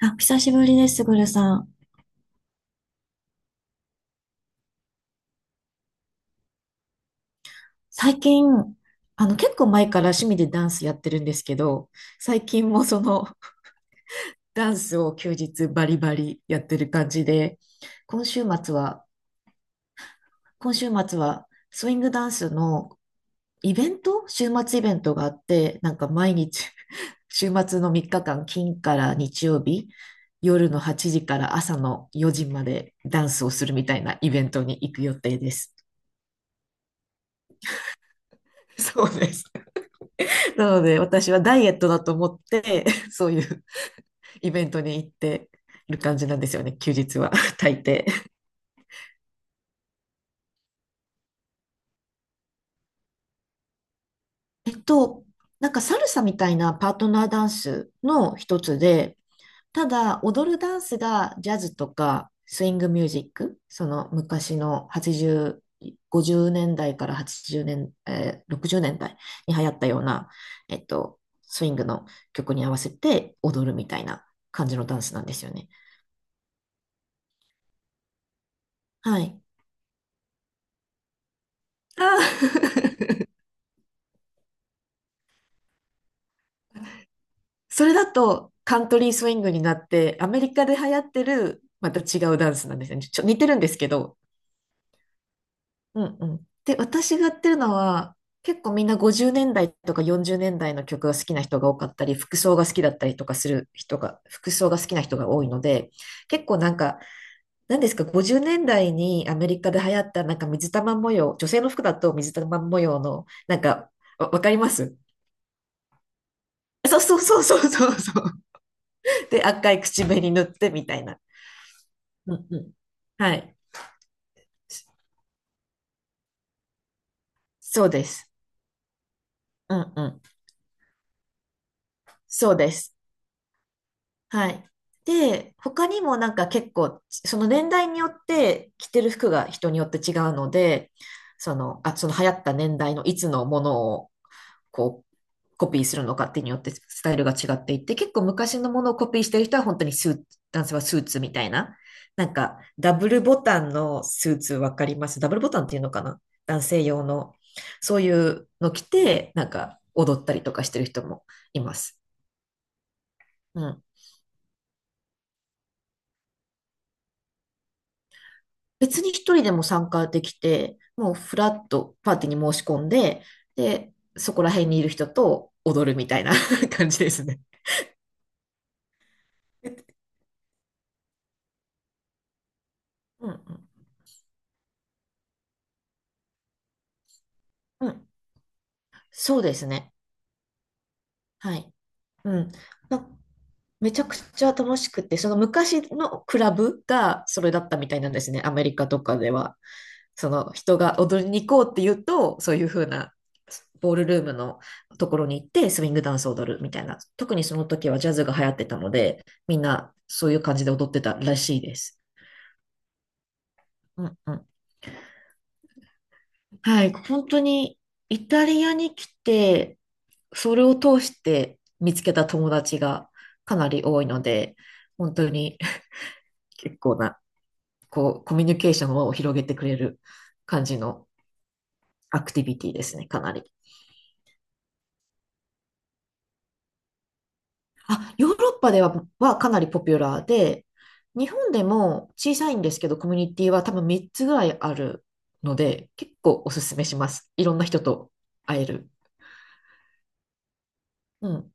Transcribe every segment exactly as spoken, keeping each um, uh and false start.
あ、久しぶりです、ぐルさん。最近、あの、結構前から趣味でダンスやってるんですけど、最近もその、ダンスを休日バリバリやってる感じで、今週末は、今週末は、スイングダンスのイベント週末イベントがあって、なんか毎日 週末のみっかかん、金から日曜日、夜のはちじから朝のよじまでダンスをするみたいなイベントに行く予定です。そうです。なので、私はダイエットだと思って、そういうイベントに行っている感じなんですよね、休日は、大抵。えっと、なんかサルサみたいなパートナーダンスの一つで、ただ踊るダンスがジャズとかスイングミュージック、その昔のはちじゅう、ごじゅうねんだいからはちじゅうねん、えーろくじゅうねんだいに流行ったような、えっと、スイングの曲に合わせて踊るみたいな感じのダンスなんですよね。はい。あー それだとカントリースウィングになって、アメリカで流行ってる、また違うダンスなんですね。ちょ、似てるんですけど。うんうん。で、私がやってるのは、結構みんなごじゅうねんだいとかよんじゅうねんだいの曲が好きな人が多かったり、服装が好きだったりとかする人が、服装が好きな人が多いので、結構なんか、何ですか、ごじゅうねんだいにアメリカで流行ったなんか水玉模様、女性の服だと水玉模様の、なんか、わわかりますそうそうそうそうそうそう。で、赤い口紅塗ってみたいな。うんうん。はい。そうです。うんうん。そうです。はい。で、他にもなんか結構、その年代によって着てる服が人によって違うので、その、あ、その流行った年代のいつのものをこう、コピーするのかってによってスタイルが違っていて、結構昔のものをコピーしてる人は本当にスーツ、男性はスーツみたいな。なんか、ダブルボタンのスーツわかります？ダブルボタンっていうのかな、男性用の。そういうの着て、なんか踊ったりとかしてる人もいます。うん。別に一人でも参加できて、もうフラッとパーティーに申し込んで、で、そこら辺にいる人と踊るみたいな 感じですね。うんうん。うん。そうですね。はい。うん。なめちゃくちゃ楽しくて、その昔のクラブがそれだったみたいなんですね、アメリカとかでは。その人が踊りに行こうって言うと、そういう風なボールルームのところに行ってスウィングダンスを踊るみたいな。特にその時はジャズが流行ってたので、みんなそういう感じで踊ってたらしいです。うんうん。はい、本当にイタリアに来て、それを通して見つけた友達がかなり多いので、本当に 結構な こう、コミュニケーションを広げてくれる感じのアクティビティですね、かなり。あ、ヨーロッパでは、はかなりポピュラーで、日本でも小さいんですけど、コミュニティは多分みっつぐらいあるので、結構おすすめします。いろんな人と会える。うん。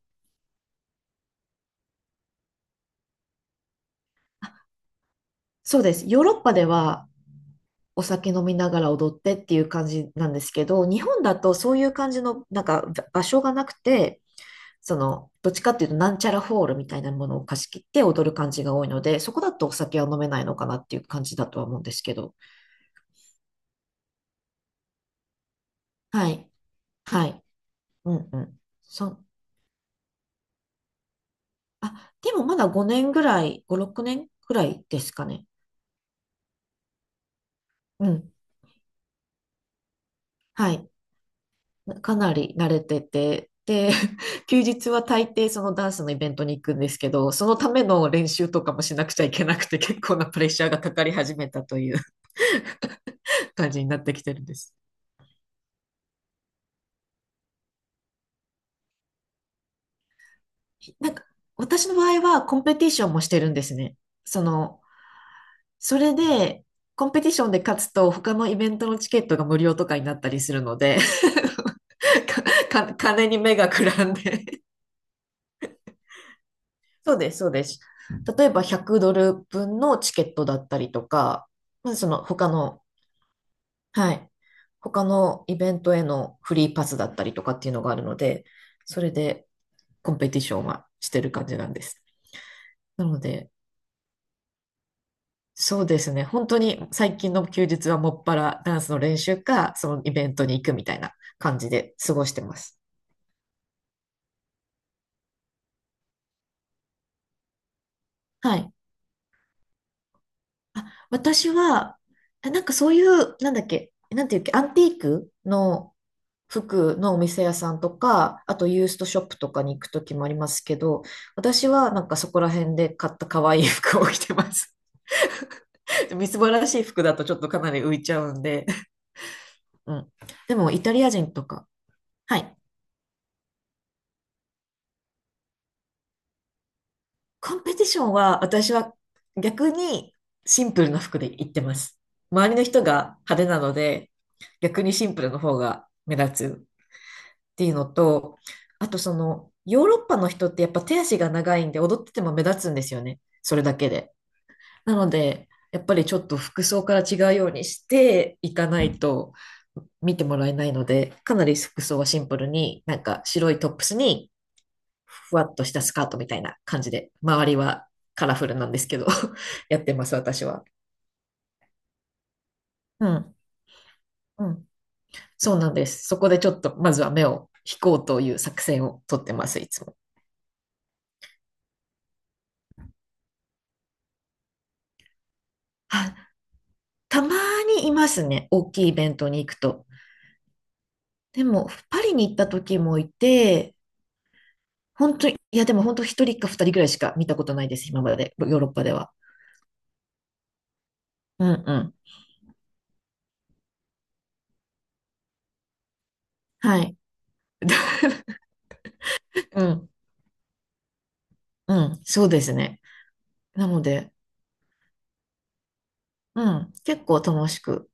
そうです。ヨーロッパではお酒飲みながら踊ってっていう感じなんですけど、日本だとそういう感じのなんか場所がなくて、その、どっちかっていうと、なんちゃらホールみたいなものを貸し切って踊る感じが多いので、そこだとお酒は飲めないのかなっていう感じだとは思うんですけど。はい。はい。うんうん。そあ、でもまだごねんぐらい、ご、ろくねんぐらいですかね。うん。はい。かなり慣れてて、で、休日は大抵そのダンスのイベントに行くんですけど、そのための練習とかもしなくちゃいけなくて、結構なプレッシャーがかかり始めたという 感じになってきてるんです。なんか、私の場合はコンペティションもしてるんですね。その、それで、コンペティションで勝つと、他のイベントのチケットが無料とかになったりするので、かか金に目がくらんで。そうです、そうです。例えばひゃくドル分のチケットだったりとか、まずその他の、はい、他のイベントへのフリーパスだったりとかっていうのがあるので、それでコンペティションはしてる感じなんです。なので、そうですね。本当に最近の休日はもっぱらダンスの練習か、そのイベントに行くみたいな感じで過ごしてます。はい。あ、私は、えなんかそういう、なんだっけ、なんていうっけ、アンティークの服のお店屋さんとか、あとユーストショップとかに行くときもありますけど、私はなんかそこら辺で買った可愛い服を着てます。みすぼらしい服だとちょっとかなり浮いちゃうんで。うん。でもイタリア人とか、はい。コンペティションは私は逆にシンプルな服で行ってます。周りの人が派手なので逆にシンプルの方が目立つっていうのと、あとそのヨーロッパの人ってやっぱ手足が長いんで踊ってても目立つんですよね。それだけで。なのでやっぱりちょっと服装から違うようにしていかないと見てもらえないので、かなり服装はシンプルに、なんか白いトップスにふわっとしたスカートみたいな感じで、周りはカラフルなんですけど、やってます、私は。うん。うん。そうなんです。そこでちょっと、まずは目を引こうという作戦をとってます、いつも。あ、たまにいますね。大きいイベントに行くと。でも、パリに行った時もいて、本当に、いや、でも本当一人か二人ぐらいしか見たことないです、今まで、ヨーロッパでは。うんうん。はい。うん、うん、そうですね。なので、うん、結構楽しく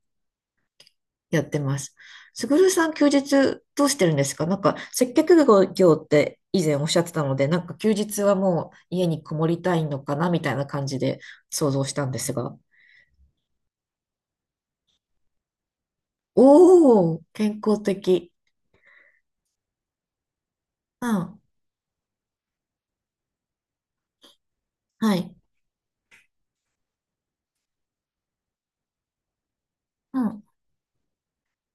やってます。すぐるさん、休日どうしてるんですか？なんか、接客業って以前おっしゃってたので、なんか休日はもう家にこもりたいのかなみたいな感じで想像したんですが。おー、健康的。うん、はい。うん、うん、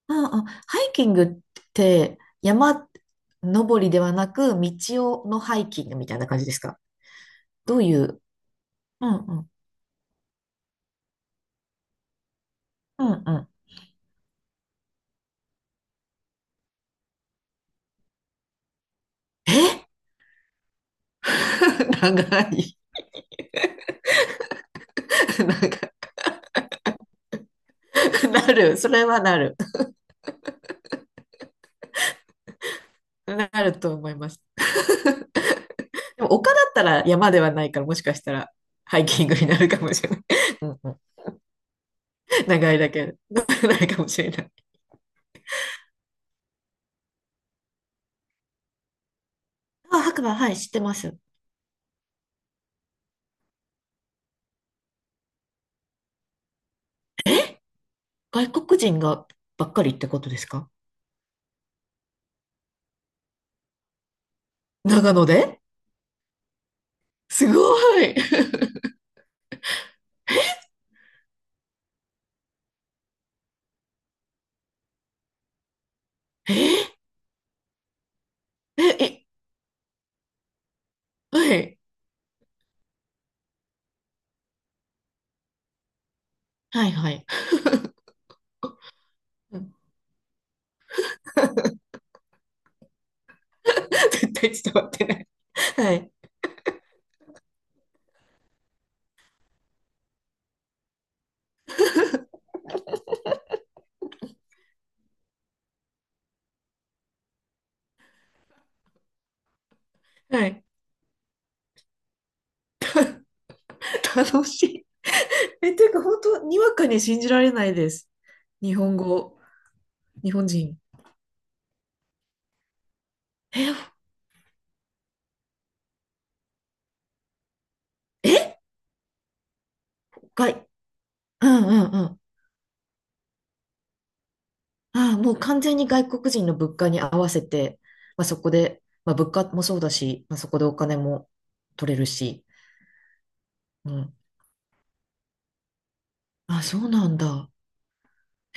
うん。ハイキングって山登りではなく、道をのハイキングみたいな感じですか？どういう、うん、うん、うん、うん。え 長い、なんか なる。それはなる。なると思います。でも丘だったら山ではないから、もしかしたらハイキングになるかもしれない。うんうん、長いだけないかもしれない。あ、白馬、はい、知ってます。外国人がばっかりってことですか？長野で、すごい ええ、え、はい、はい、はい。うん 絶対伝わってない。はい、はい。楽しい。え、ていうか、本当にわかに信じられないです。日本語、日本人。え、え、外、うんうんうん。ああ、もう完全に外国人の物価に合わせて、まあ、そこで、まあ、物価もそうだし、まあ、そこでお金も取れるし。うん。あ、そうなんだ。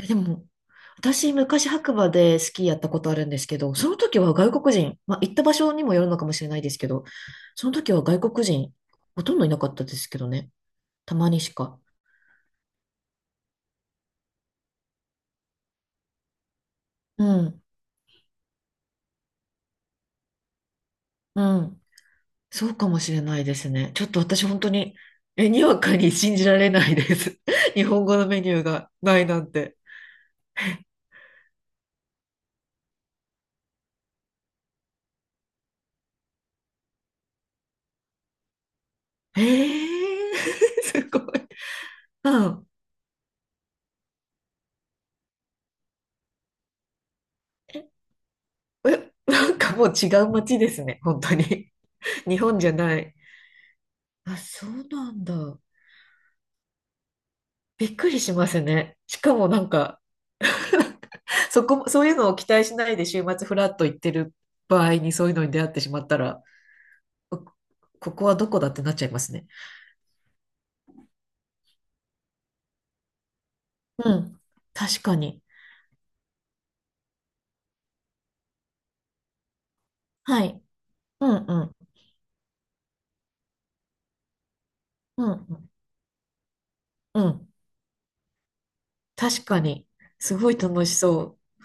え、でも、私、昔白馬でスキーやったことあるんですけど、その時は外国人、まあ、行った場所にもよるのかもしれないですけど、その時は外国人、ほとんどいなかったですけどね。たまにしか。うん、うん。そうかもしれないですね。ちょっと私本当に、え、にわかに信じられないです。日本語のメニューがないなんて。えー、すごい。うん。え、なんかもう違う街ですね。本当に。日本じゃない。あ、そうなんだ。びっくりしますね。しかもなんか、そこ、そういうのを期待しないで週末フラッと行ってる場合にそういうのに出会ってしまったら、こここはどこだってなっちゃいますね。うん。確かに。はい。うんうん、うん、うん、確かに。すごい楽しそう。